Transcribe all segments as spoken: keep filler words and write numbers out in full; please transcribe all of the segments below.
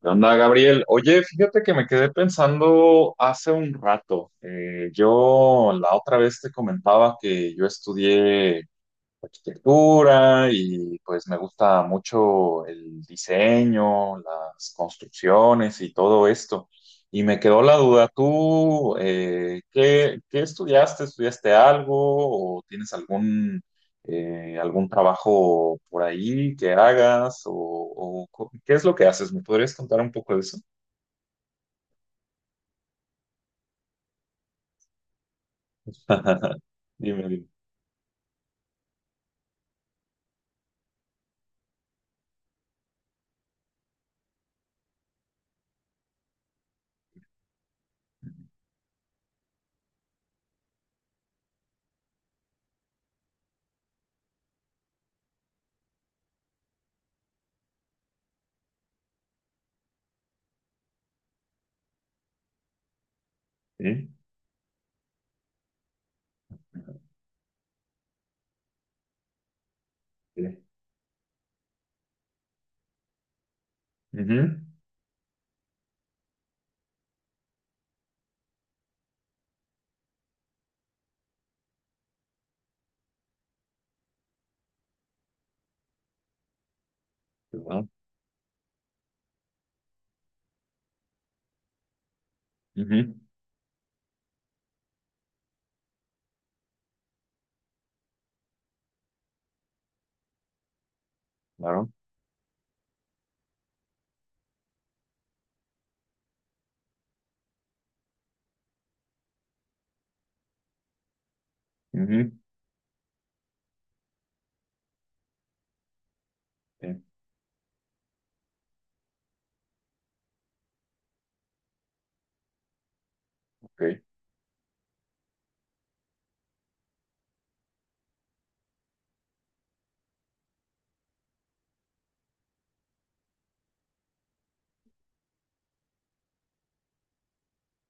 ¿Qué onda, Gabriel? Oye, fíjate que me quedé pensando hace un rato. Eh, yo la otra vez te comentaba que yo estudié arquitectura y pues me gusta mucho el diseño, las construcciones y todo esto. Y me quedó la duda, ¿tú eh, qué, qué estudiaste? ¿Estudiaste algo o tienes algún, eh, algún trabajo por ahí que hagas? ¿O, o co- qué es lo que haces? ¿Me podrías contar un poco de eso? Dime, dime. Sí, sí. Ujú. Qué bueno. Ujú. Claro. Ujú. Sí. Ok.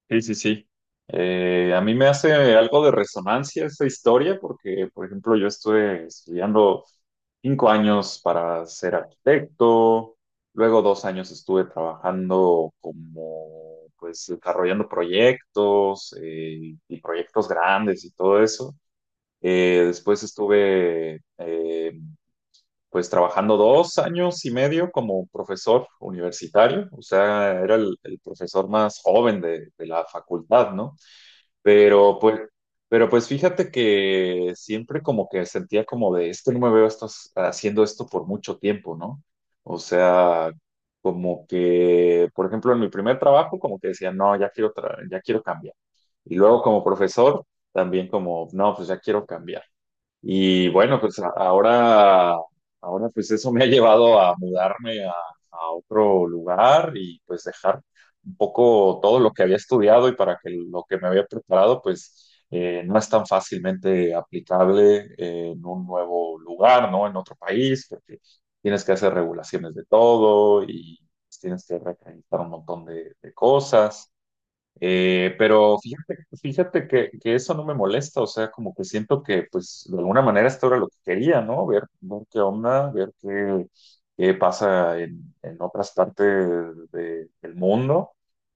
Sí, sí, sí. Eh, a mí me hace algo de resonancia esa historia porque, por ejemplo, yo estuve estudiando cinco años para ser arquitecto, luego dos años estuve trabajando como, pues, desarrollando proyectos eh, y proyectos grandes y todo eso. Eh, después estuve, eh, pues, trabajando dos años y medio como profesor universitario, o sea, era el, el profesor más joven de, de la facultad, ¿no? Pero pues, pero pues fíjate que siempre como que sentía como de, es que no me veo esto, haciendo esto por mucho tiempo, ¿no? O sea, como que, por ejemplo, en mi primer trabajo como que decía, no, ya quiero, tra- ya quiero cambiar. Y luego como profesor, también como, no, pues ya quiero cambiar. Y bueno, pues a- ahora, ahora pues eso me ha llevado a mudarme a, a otro lugar y pues dejar un poco todo lo que había estudiado y para que lo que me había preparado pues eh, no es tan fácilmente aplicable eh, en un nuevo lugar, ¿no? En otro país, porque tienes que hacer regulaciones de todo y pues, tienes que reacreditar un montón de de cosas. Eh, pero fíjate, fíjate que, que eso no me molesta, o sea, como que siento que, pues, de alguna manera esto era lo que quería, ¿no? Ver, ver qué onda, ver qué, qué pasa en, en otras partes de- del mundo.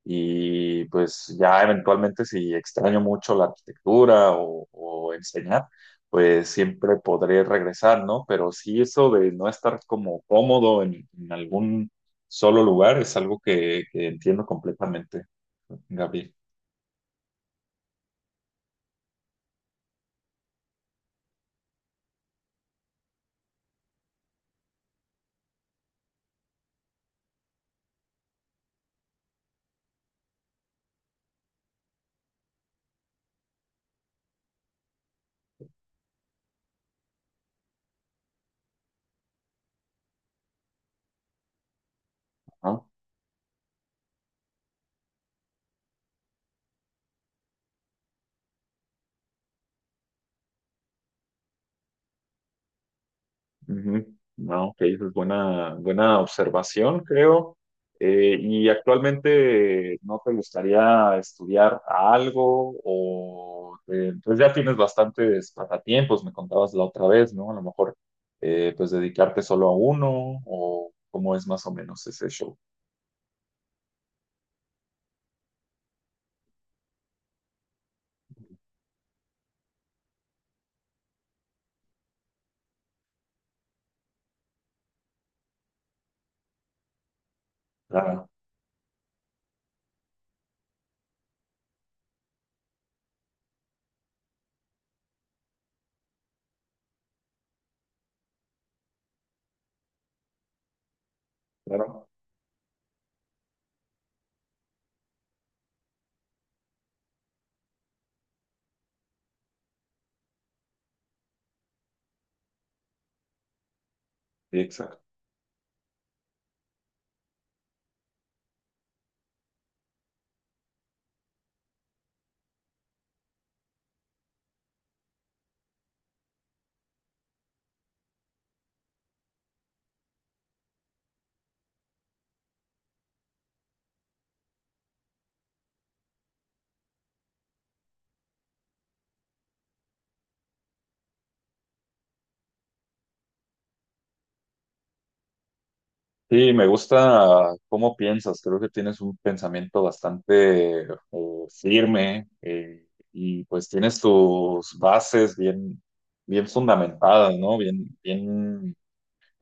Y pues ya eventualmente si extraño mucho la arquitectura o, o enseñar, pues siempre podré regresar, ¿no? Pero sí eso de no estar como cómodo en, en algún solo lugar es algo que que entiendo completamente, Gabriel. No, ujú. No, ok, esa es buena, buena observación, creo. Eh, ¿y actualmente no te gustaría estudiar algo? O eh, pues ya tienes bastantes pasatiempos, me contabas la otra vez, ¿no? A lo mejor eh, pues dedicarte solo a uno, o cómo es más o menos ese show. Claro, claro. Sí, exacto. Sí, me gusta cómo piensas. Creo que tienes un pensamiento bastante eh, firme eh, y pues tienes tus bases bien, bien fundamentadas, ¿no? Bien, bien,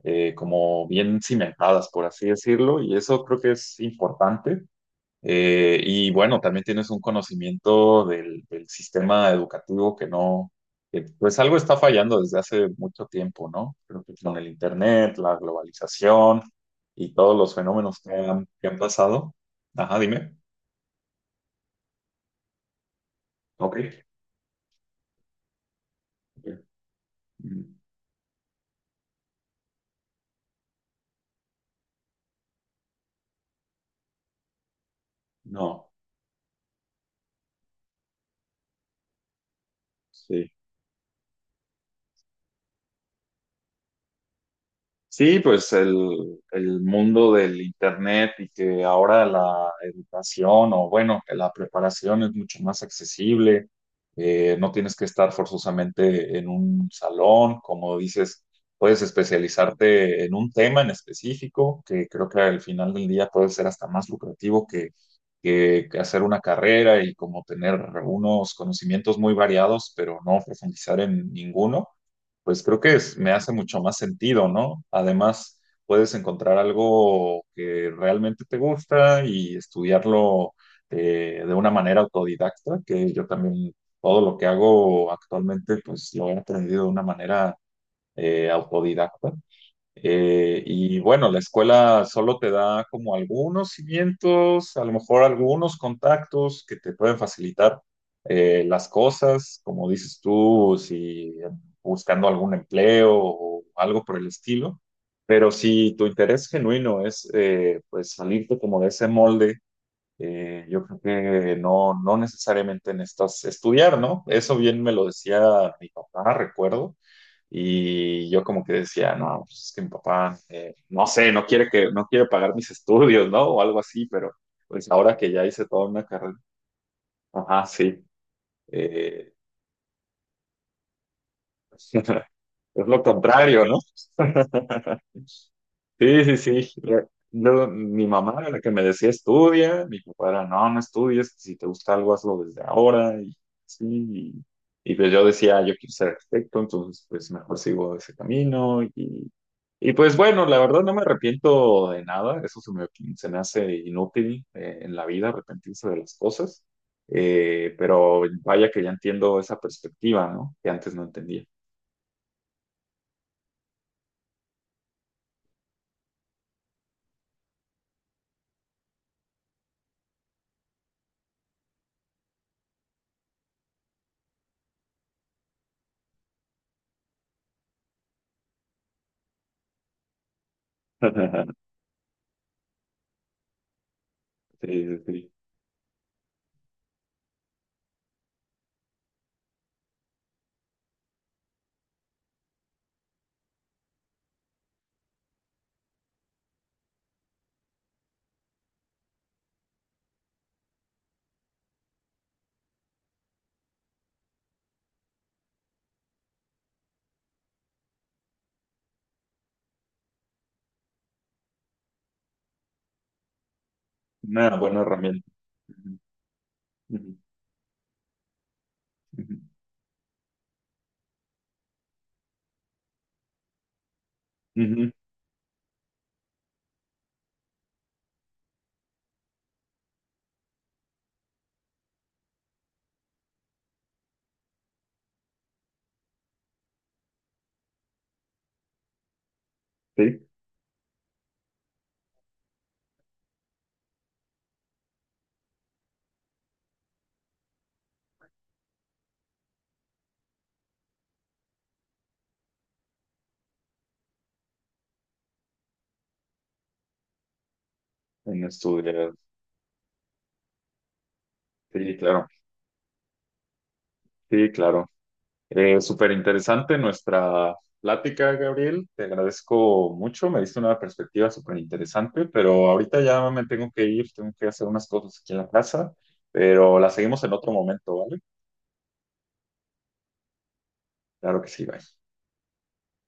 eh, como bien cimentadas, por así decirlo. Y eso creo que es importante eh, y bueno, también tienes un conocimiento del, del sistema educativo que no, que, pues algo está fallando desde hace mucho tiempo, ¿no? Creo que con el internet, la globalización y todos los fenómenos que han, que han pasado. Ajá, dime. Ok. Mm, no, sí. Sí, pues el, el mundo del internet y que ahora la educación o bueno, que la preparación es mucho más accesible, eh, no tienes que estar forzosamente en un salón, como dices, puedes especializarte en un tema en específico, que creo que al final del día puede ser hasta más lucrativo que, que que hacer una carrera y como tener unos conocimientos muy variados, pero no profundizar en ninguno. Pues creo que es- me hace mucho más sentido, ¿no? Además, puedes encontrar algo que realmente te gusta y estudiarlo eh, de una manera autodidacta, que yo también todo lo que hago actualmente, pues lo he aprendido de una manera eh, autodidacta. Eh, y bueno, la escuela solo te da como algunos cimientos, a lo mejor algunos contactos que te pueden facilitar eh, las cosas, como dices tú, si buscando algún empleo o algo por el estilo. Pero si tu interés genuino es eh, pues salirte como de ese molde eh, yo creo que no, no necesariamente necesitas estudiar, ¿no? Eso bien me lo decía mi papá, recuerdo, y yo como que decía, no, pues es que mi papá, eh, no sé, no quiere que, no quiere pagar mis estudios, ¿no? O algo así, pero pues ahora que ya hice toda una carrera, ajá, sí. eh, Es lo contrario, ¿no? Sí, sí, sí. Re- Luego, mi mamá era la que me decía estudia, mi papá era no, no estudies, si te gusta algo hazlo desde ahora y sí. Y, y pues yo decía, "Ah, yo quiero ser arquitecto, entonces pues mejor sigo ese camino y, y pues bueno, la verdad no me arrepiento de nada, eso se me, se me hace inútil eh, en la vida arrepentirse de las cosas, eh, pero vaya que ya entiendo esa perspectiva, ¿no? Que antes no entendía. Sí, sí, sí. Una buena herramienta. Ujú, ujú, ujú, ujú. Sí, en estudiar. Sí, claro. Sí, claro. Eh, súper interesante nuestra plática, Gabriel. Te agradezco mucho. Me diste una perspectiva súper interesante, pero ahorita ya me tengo que ir. Tengo que hacer unas cosas aquí en la casa, pero la seguimos en otro momento, ¿vale? Claro que sí, bye.